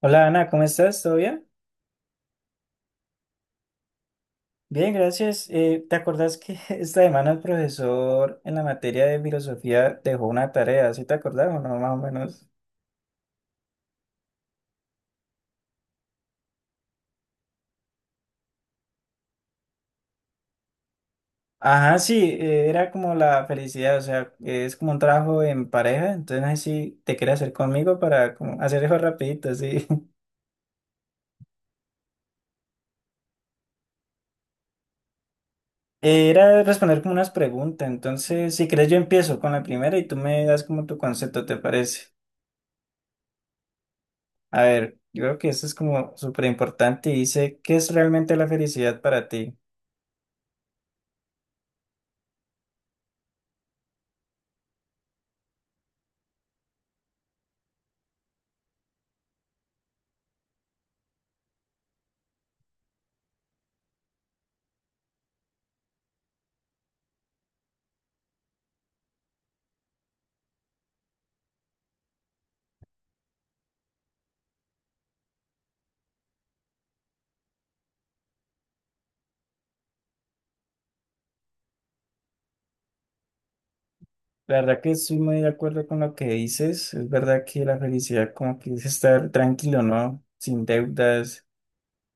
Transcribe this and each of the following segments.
Hola Ana, ¿cómo estás? ¿Todo bien? Bien, gracias. ¿Te acordás que esta semana el profesor en la materia de filosofía dejó una tarea? ¿Sí te acordás o no, más o menos? Ajá, sí, era como la felicidad, o sea, es como un trabajo en pareja, entonces no sé si te quieres hacer conmigo para como hacer eso rapidito, sí. Era responder como unas preguntas, entonces si quieres yo empiezo con la primera y tú me das como tu concepto, ¿te parece? A ver, yo creo que esto es como súper importante y dice, ¿qué es realmente la felicidad para ti? La verdad que estoy muy de acuerdo con lo que dices. Es verdad que la felicidad como que es estar tranquilo, ¿no? Sin deudas,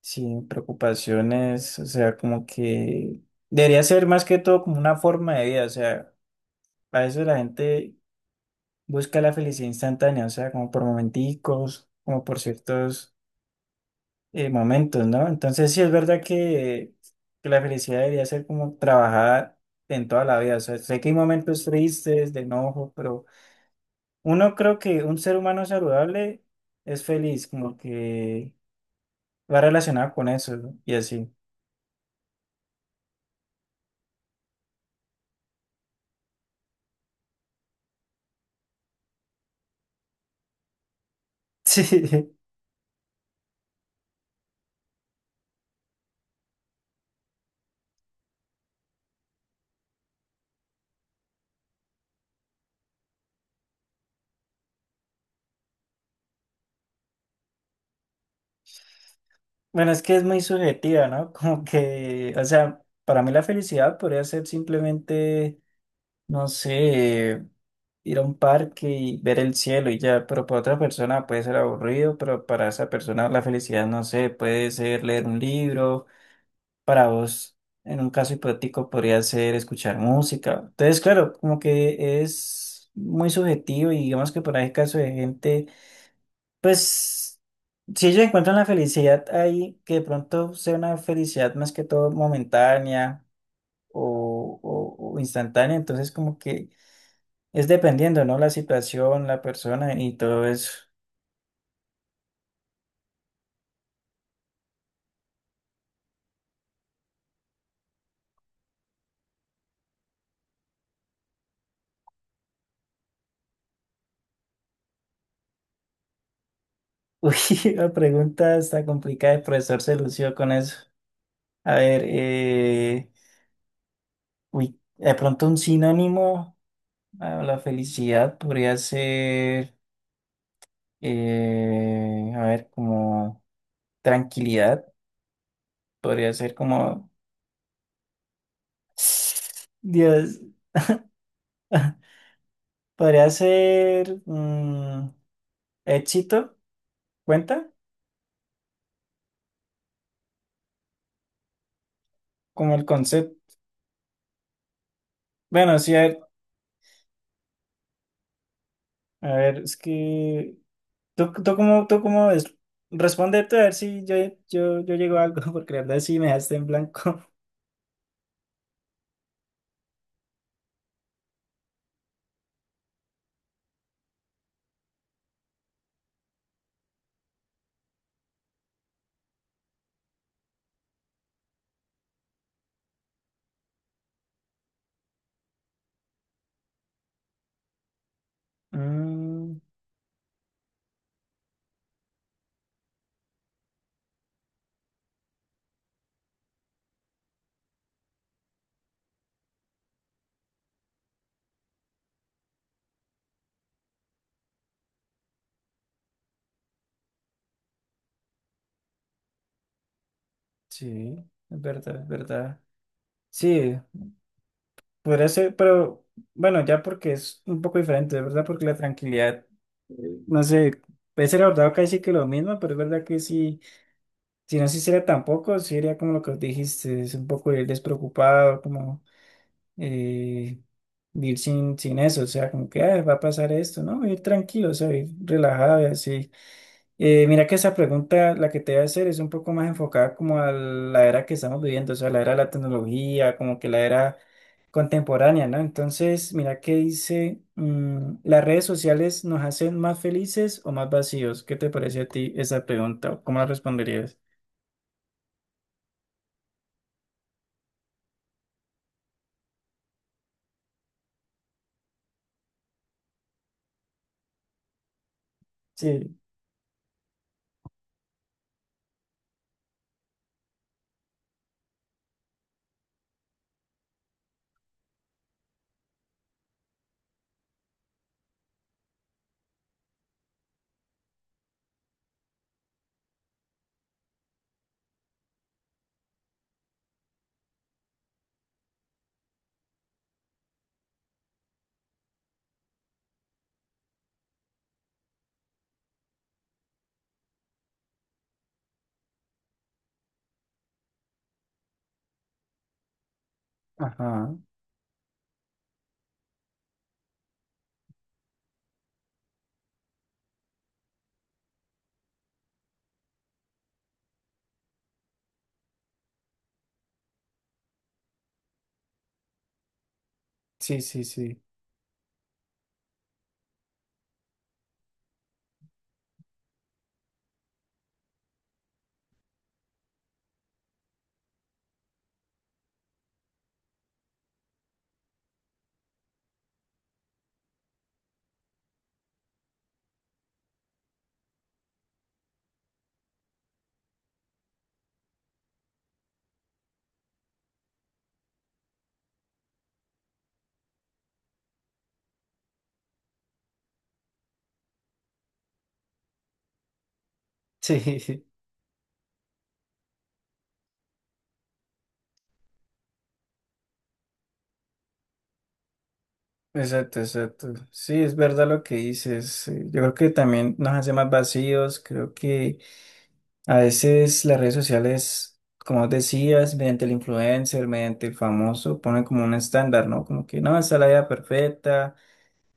sin preocupaciones. O sea, como que debería ser más que todo como una forma de vida. O sea, a veces la gente busca la felicidad instantánea, o sea, como por momenticos, como por ciertos momentos, ¿no? Entonces sí es verdad que la felicidad debería ser como trabajada en toda la vida. O sea, sé que hay momentos tristes, de enojo, pero... Uno creo que un ser humano saludable es feliz, como que va relacionado con eso, ¿no? Y así. Sí, bueno, es que es muy subjetiva, ¿no? Como que, o sea, para mí la felicidad podría ser simplemente, no sé, ir a un parque y ver el cielo y ya, pero para otra persona puede ser aburrido, pero para esa persona la felicidad, no sé, puede ser leer un libro para vos, en un caso hipotético, podría ser escuchar música. Entonces, claro, como que es muy subjetivo y digamos que por ahí caso de gente, pues, si ellos encuentran la felicidad ahí, que de pronto sea una felicidad más que todo momentánea o, o instantánea, entonces como que es dependiendo, ¿no? La situación, la persona y todo eso. Uy, la pregunta está complicada, el profesor se lució con eso. A ver, Uy, de pronto un sinónimo a la felicidad podría ser, a ver, como tranquilidad, podría ser como, Dios, podría ser éxito, ¿cuenta? Como el concepto. Bueno, sí, a ver, es que tú, tú cómo ves? Responde tú a ver si yo, yo, yo llego a algo, porque la verdad sí me dejaste en blanco. Mm, sí. Es verdad, es verdad. Sí, podría ser, pero bueno, ya porque es un poco diferente, es verdad, porque la tranquilidad, eh, no sé, puede ser abordado casi que lo mismo, pero es verdad que sí, si no se hiciera tampoco, sí sería como lo que dijiste, es un poco ir despreocupado, como eh, ir sin eso, o sea, como que "Ay, va a pasar esto, ¿no? Ir tranquilo, o sea, ir relajado y así. Mira que esa pregunta, la que te voy a hacer, es un poco más enfocada como a la era que estamos viviendo, o sea, la era de la tecnología, como que la era contemporánea, ¿no? Entonces, mira, ¿qué dice, ¿las redes sociales nos hacen más felices o más vacíos? ¿Qué te parece a ti esa pregunta? ¿Cómo la responderías? Sí, ajá, sí, sí, sí. Sí, exacto, exacto. Sí, es verdad lo que dices. Yo creo que también nos hace más vacíos. Creo que a veces las redes sociales, como decías, mediante el influencer, mediante el famoso, ponen como un estándar, ¿no? Como que no, esa es la vida perfecta.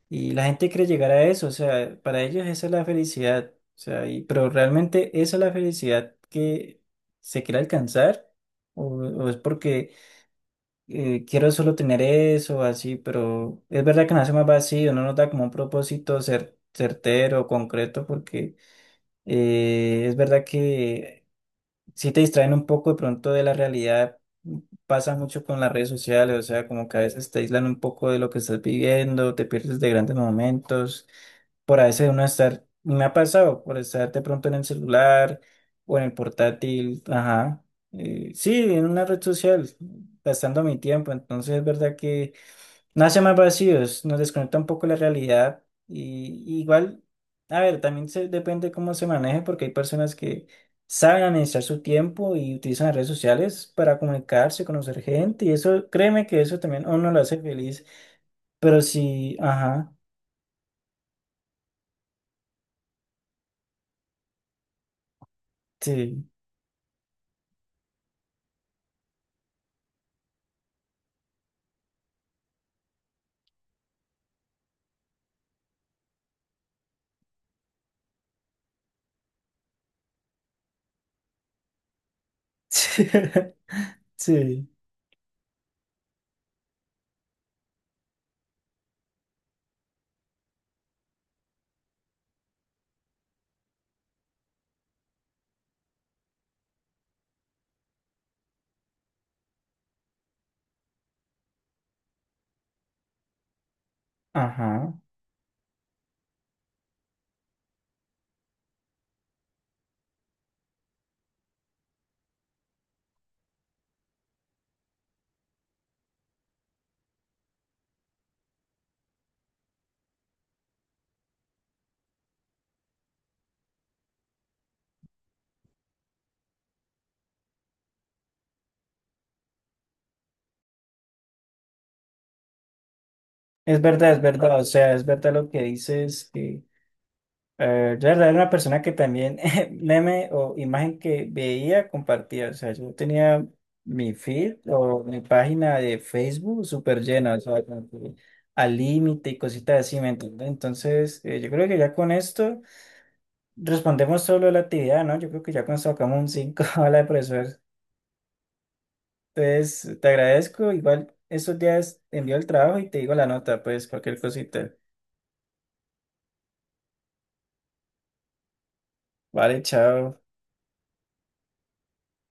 Y la gente quiere llegar a eso. O sea, para ellos esa es la felicidad. O sea, pero realmente esa es la felicidad que se quiere alcanzar. O es porque quiero solo tener eso, así, pero es verdad que nos hace más vacío, no nos da como un propósito certero, concreto, porque es verdad que si te distraen un poco de pronto de la realidad. Pasa mucho con las redes sociales, o sea, como que a veces te aíslan un poco de lo que estás viviendo, te pierdes de grandes momentos. Por a veces uno estar, me ha pasado, por estar de pronto en el celular o en el portátil, ajá. Sí, en una red social, gastando mi tiempo. Entonces es verdad que nace más vacíos, nos desconecta un poco la realidad y igual, a ver, también se, depende cómo se maneje porque hay personas que saben administrar su tiempo y utilizan las redes sociales para comunicarse, conocer gente y eso, créeme que eso también a uno lo hace feliz, pero sí, ajá, sí, sí, sí, ajá, es verdad, o sea, es verdad lo que dices. Yo la verdad era una persona que también meme o imagen que veía, compartía. O sea, yo tenía mi feed o mi página de Facebook súper llena, o sea, como que al límite y cositas así, ¿me entiendes? Entonces, yo creo que ya con esto respondemos solo la actividad, ¿no? Yo creo que ya con esto sacamos un 5 a la de profesor. Entonces, te agradezco. Igual estos días te envío el trabajo y te digo la nota, pues cualquier cosita. Vale, chao.